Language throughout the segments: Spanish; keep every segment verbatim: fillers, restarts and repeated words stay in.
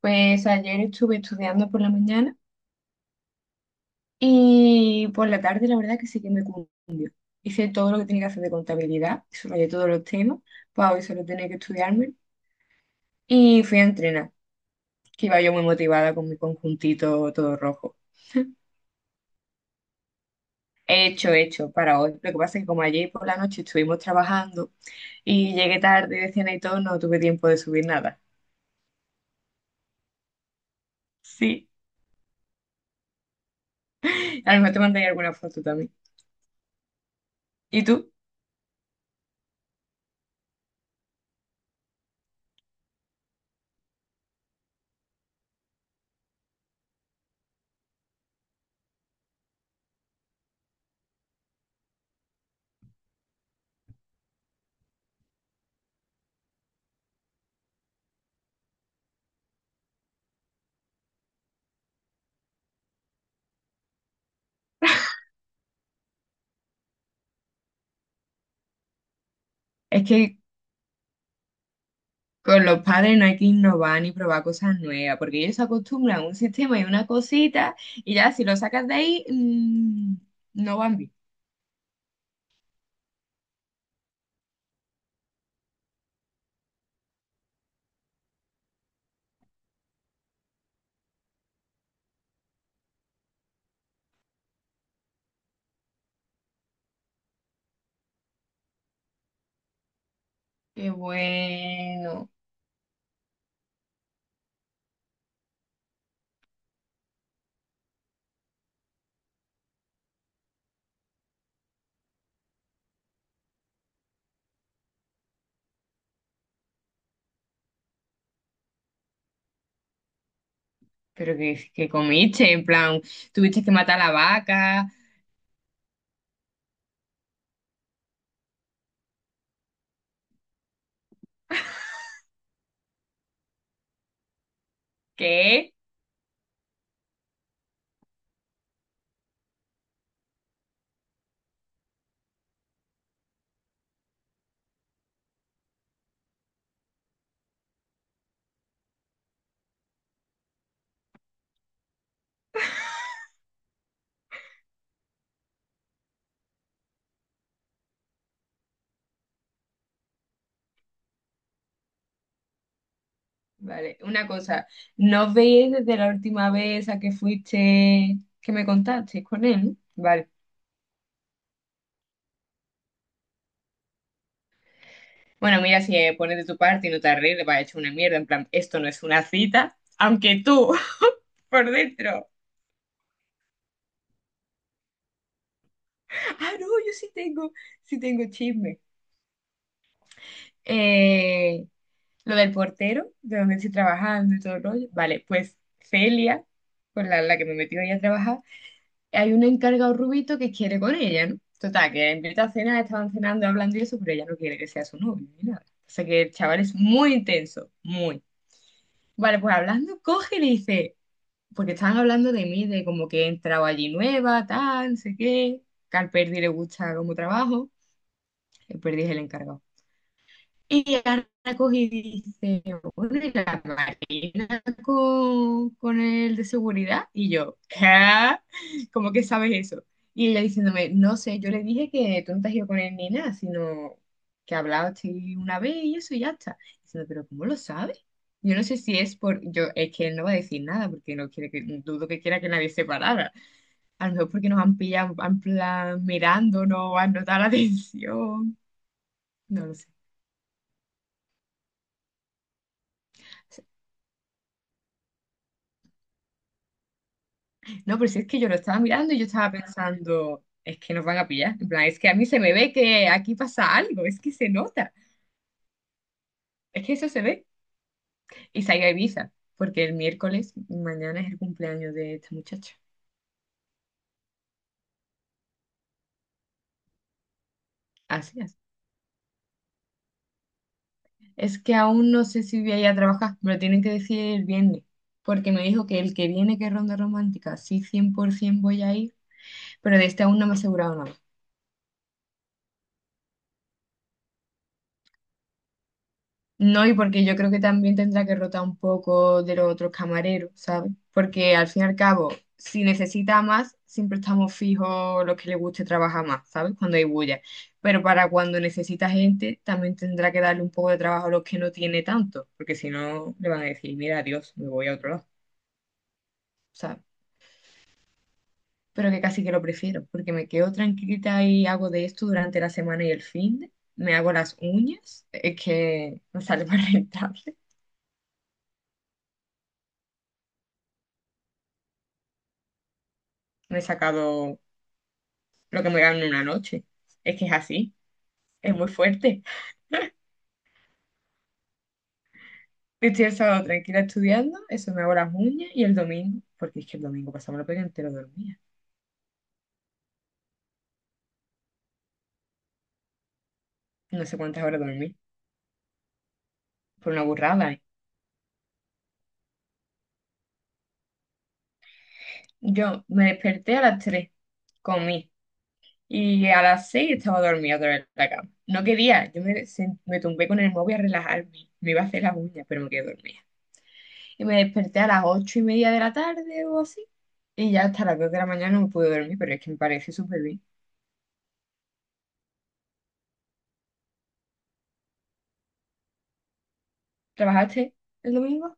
Pues ayer estuve estudiando por la mañana y por la tarde la verdad que sí que me cum- hice todo lo que tenía que hacer de contabilidad, subrayé todos los temas, pues hoy solo tenía que estudiarme y fui a entrenar, que iba yo muy motivada con mi conjuntito todo rojo. He hecho, he hecho para hoy. Lo que pasa es que como ayer por la noche estuvimos trabajando y llegué tarde de cena y todo, no tuve tiempo de subir nada. Sí, a lo mejor te mandaré alguna foto también. ¿Y tú? Es que Con los padres no hay que innovar ni probar cosas nuevas, porque ellos se acostumbran a un sistema y una cosita, y ya si lo sacas de ahí, mm, no van bien. Qué bueno. Pero que, que comiste, en plan, tuviste que matar a la vaca, ¿qué? Vale, una cosa, ¿no os veis desde la última vez a que fuiste, que me contaste con él? Vale. Bueno, mira, si eh, pones de tu parte y no te arregles, vas a echar una mierda, en plan, esto no es una cita, aunque tú, por dentro. Ah, no, yo sí tengo, sí tengo chisme. Eh, lo del portero, de donde estoy trabajando y todo el rollo. Vale, pues Celia, con la, la que me metió ella a trabajar, hay un encargado rubito que quiere con ella, ¿no? Total, que la invita a cenar, estaban cenando, hablando y eso, pero ella no quiere que sea su novio ni nada. O sea que el chaval es muy intenso, muy. Vale, pues hablando, coge y le dice, porque estaban hablando de mí, de como que he entrado allí nueva, tal, no sé qué, que al Perdi le gusta como trabajo, el Perdi es el encargado. Y Ana cogí y dice, "Oye, la Marina con, con el de seguridad". Y yo, ¿qué? ¿Cómo que sabes eso? Y ella diciéndome, no sé, yo le dije que tú no te has ido con él ni nada, sino que hablaste una vez y eso y ya está. Diciendo, pero ¿cómo lo sabes? Yo no sé si es por, yo, es que él no va a decir nada porque no quiere que, dudo que quiera que nadie se parara. A lo mejor porque nos han pillado en plan mirándonos, han notado la atención. No lo sé. No, pero si es que yo lo estaba mirando y yo estaba pensando, es que nos van a pillar. En plan, es que a mí se me ve que aquí pasa algo, es que se nota, es que eso se ve. Y salí a Ibiza, porque el miércoles, mañana es el cumpleaños de esta muchacha. Así es. Es que aún no sé si voy a ir a trabajar, me lo tienen que decir el viernes, porque me dijo que el que viene, que es ronda romántica, sí, cien por ciento voy a ir, pero de este aún no me he asegurado nada. No, y porque yo creo que también tendrá que rotar un poco de los otros camareros, ¿sabes? Porque al fin y al cabo, si necesita más, siempre estamos fijos los que le guste trabajar más, ¿sabes? Cuando hay bulla. Pero para cuando necesita gente, también tendrá que darle un poco de trabajo a los que no tiene tanto, porque si no, le van a decir, mira, adiós, me voy a otro lado, ¿sabes? Pero que casi que lo prefiero, porque me quedo tranquilita y hago de esto durante la semana y el fin de, me hago las uñas, es que me sale más rentable. Me he sacado lo que me gano en una noche. Es que es así, es muy fuerte. Estoy el sábado tranquila estudiando, eso me hago las uñas y el domingo, porque es que el domingo pasaba la pega entero dormía. No sé cuántas horas dormí, fue una burrada, ¿eh? Yo me desperté a las tres, comí, y a las seis estaba dormida otra vez en la cama. No quería, yo me, sen- me tumbé con el móvil a relajarme, me iba a hacer las uñas, pero me quedé dormida. Y me desperté a las ocho y media de la tarde o así, y ya hasta las dos de la mañana no me pude dormir, pero es que me parece súper bien. ¿Trabajaste el domingo?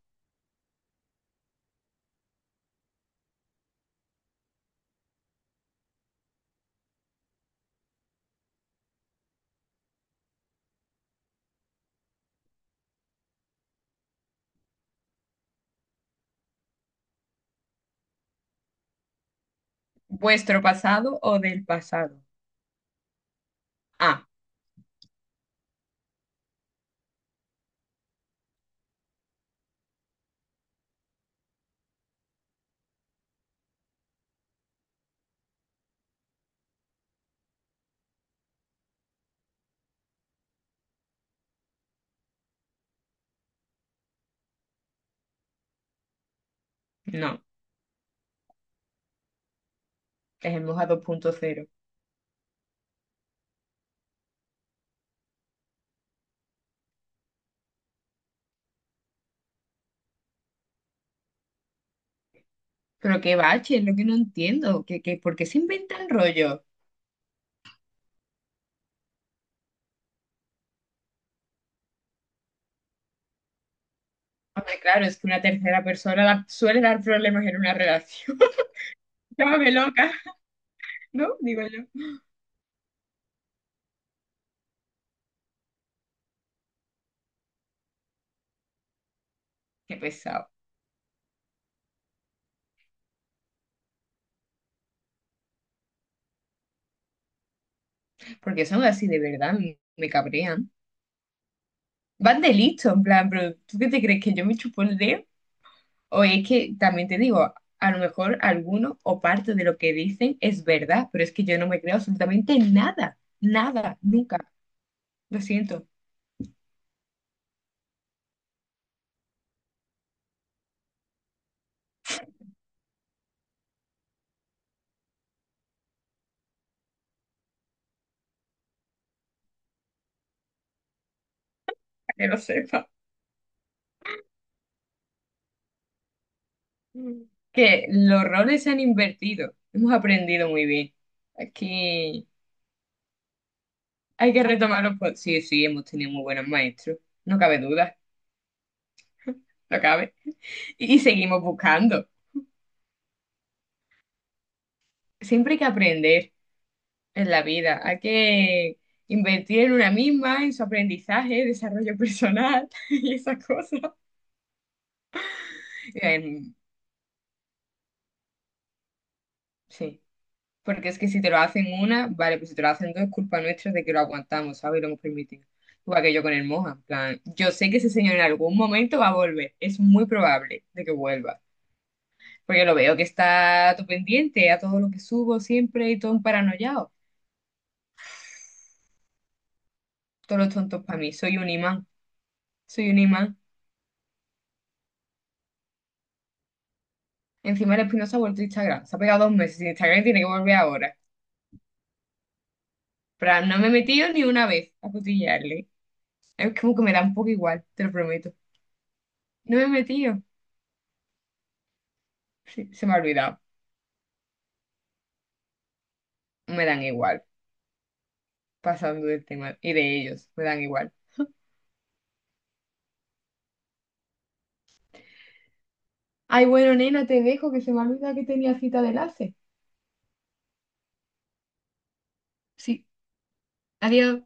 ¿Vuestro pasado o del pasado? Ah, no, es el Moja dos punto cero. Pero qué bache, es lo que no entiendo. ¿Qué, qué, por qué se inventan rollos? Hombre, claro, es que una tercera persona da- suele dar problemas en una relación. Llámame loca, ¿no? Digo yo. Qué pesado. Porque son así de verdad, me, me cabrean. Van de listo, en plan, pero ¿tú qué te crees que yo me chupo el dedo? O es que también te digo, a lo mejor alguno o parte de lo que dicen es verdad, pero es que yo no me creo absolutamente nada, nada, nunca. Lo siento, para que lo sepa. Que los roles se han invertido. Hemos aprendido muy bien. Aquí hay que retomar los... po- sí, sí, hemos tenido muy buenos maestros. No cabe duda, no cabe. Y seguimos buscando. Siempre hay que aprender en la vida. Hay que invertir en una misma, en su aprendizaje, desarrollo personal y esas cosas. En- sí, porque es que si te lo hacen una, vale, pues si te lo hacen dos, es culpa nuestra de que lo aguantamos, ¿sabes? Y lo hemos permitido. Igual que yo con el Moja, en plan, yo sé que ese señor en algún momento va a volver, es muy probable de que vuelva, porque lo veo que está todo pendiente a todo lo que subo siempre y todo un paranoiao, todos los tontos para mí, soy un imán, soy un imán. Encima el Espinosa ha vuelto a Instagram. Se ha pegado dos meses sin Instagram y tiene que volver ahora. Pero no me he metido ni una vez a cotillearle. Es como que me da un poco igual, te lo prometo. No me he metido. Sí, se me ha olvidado. Me dan igual. Pasando del tema y de ellos, me dan igual. Ay, bueno, nena, te dejo que se me ha olvidado que tenía cita de enlace. Sí, adiós.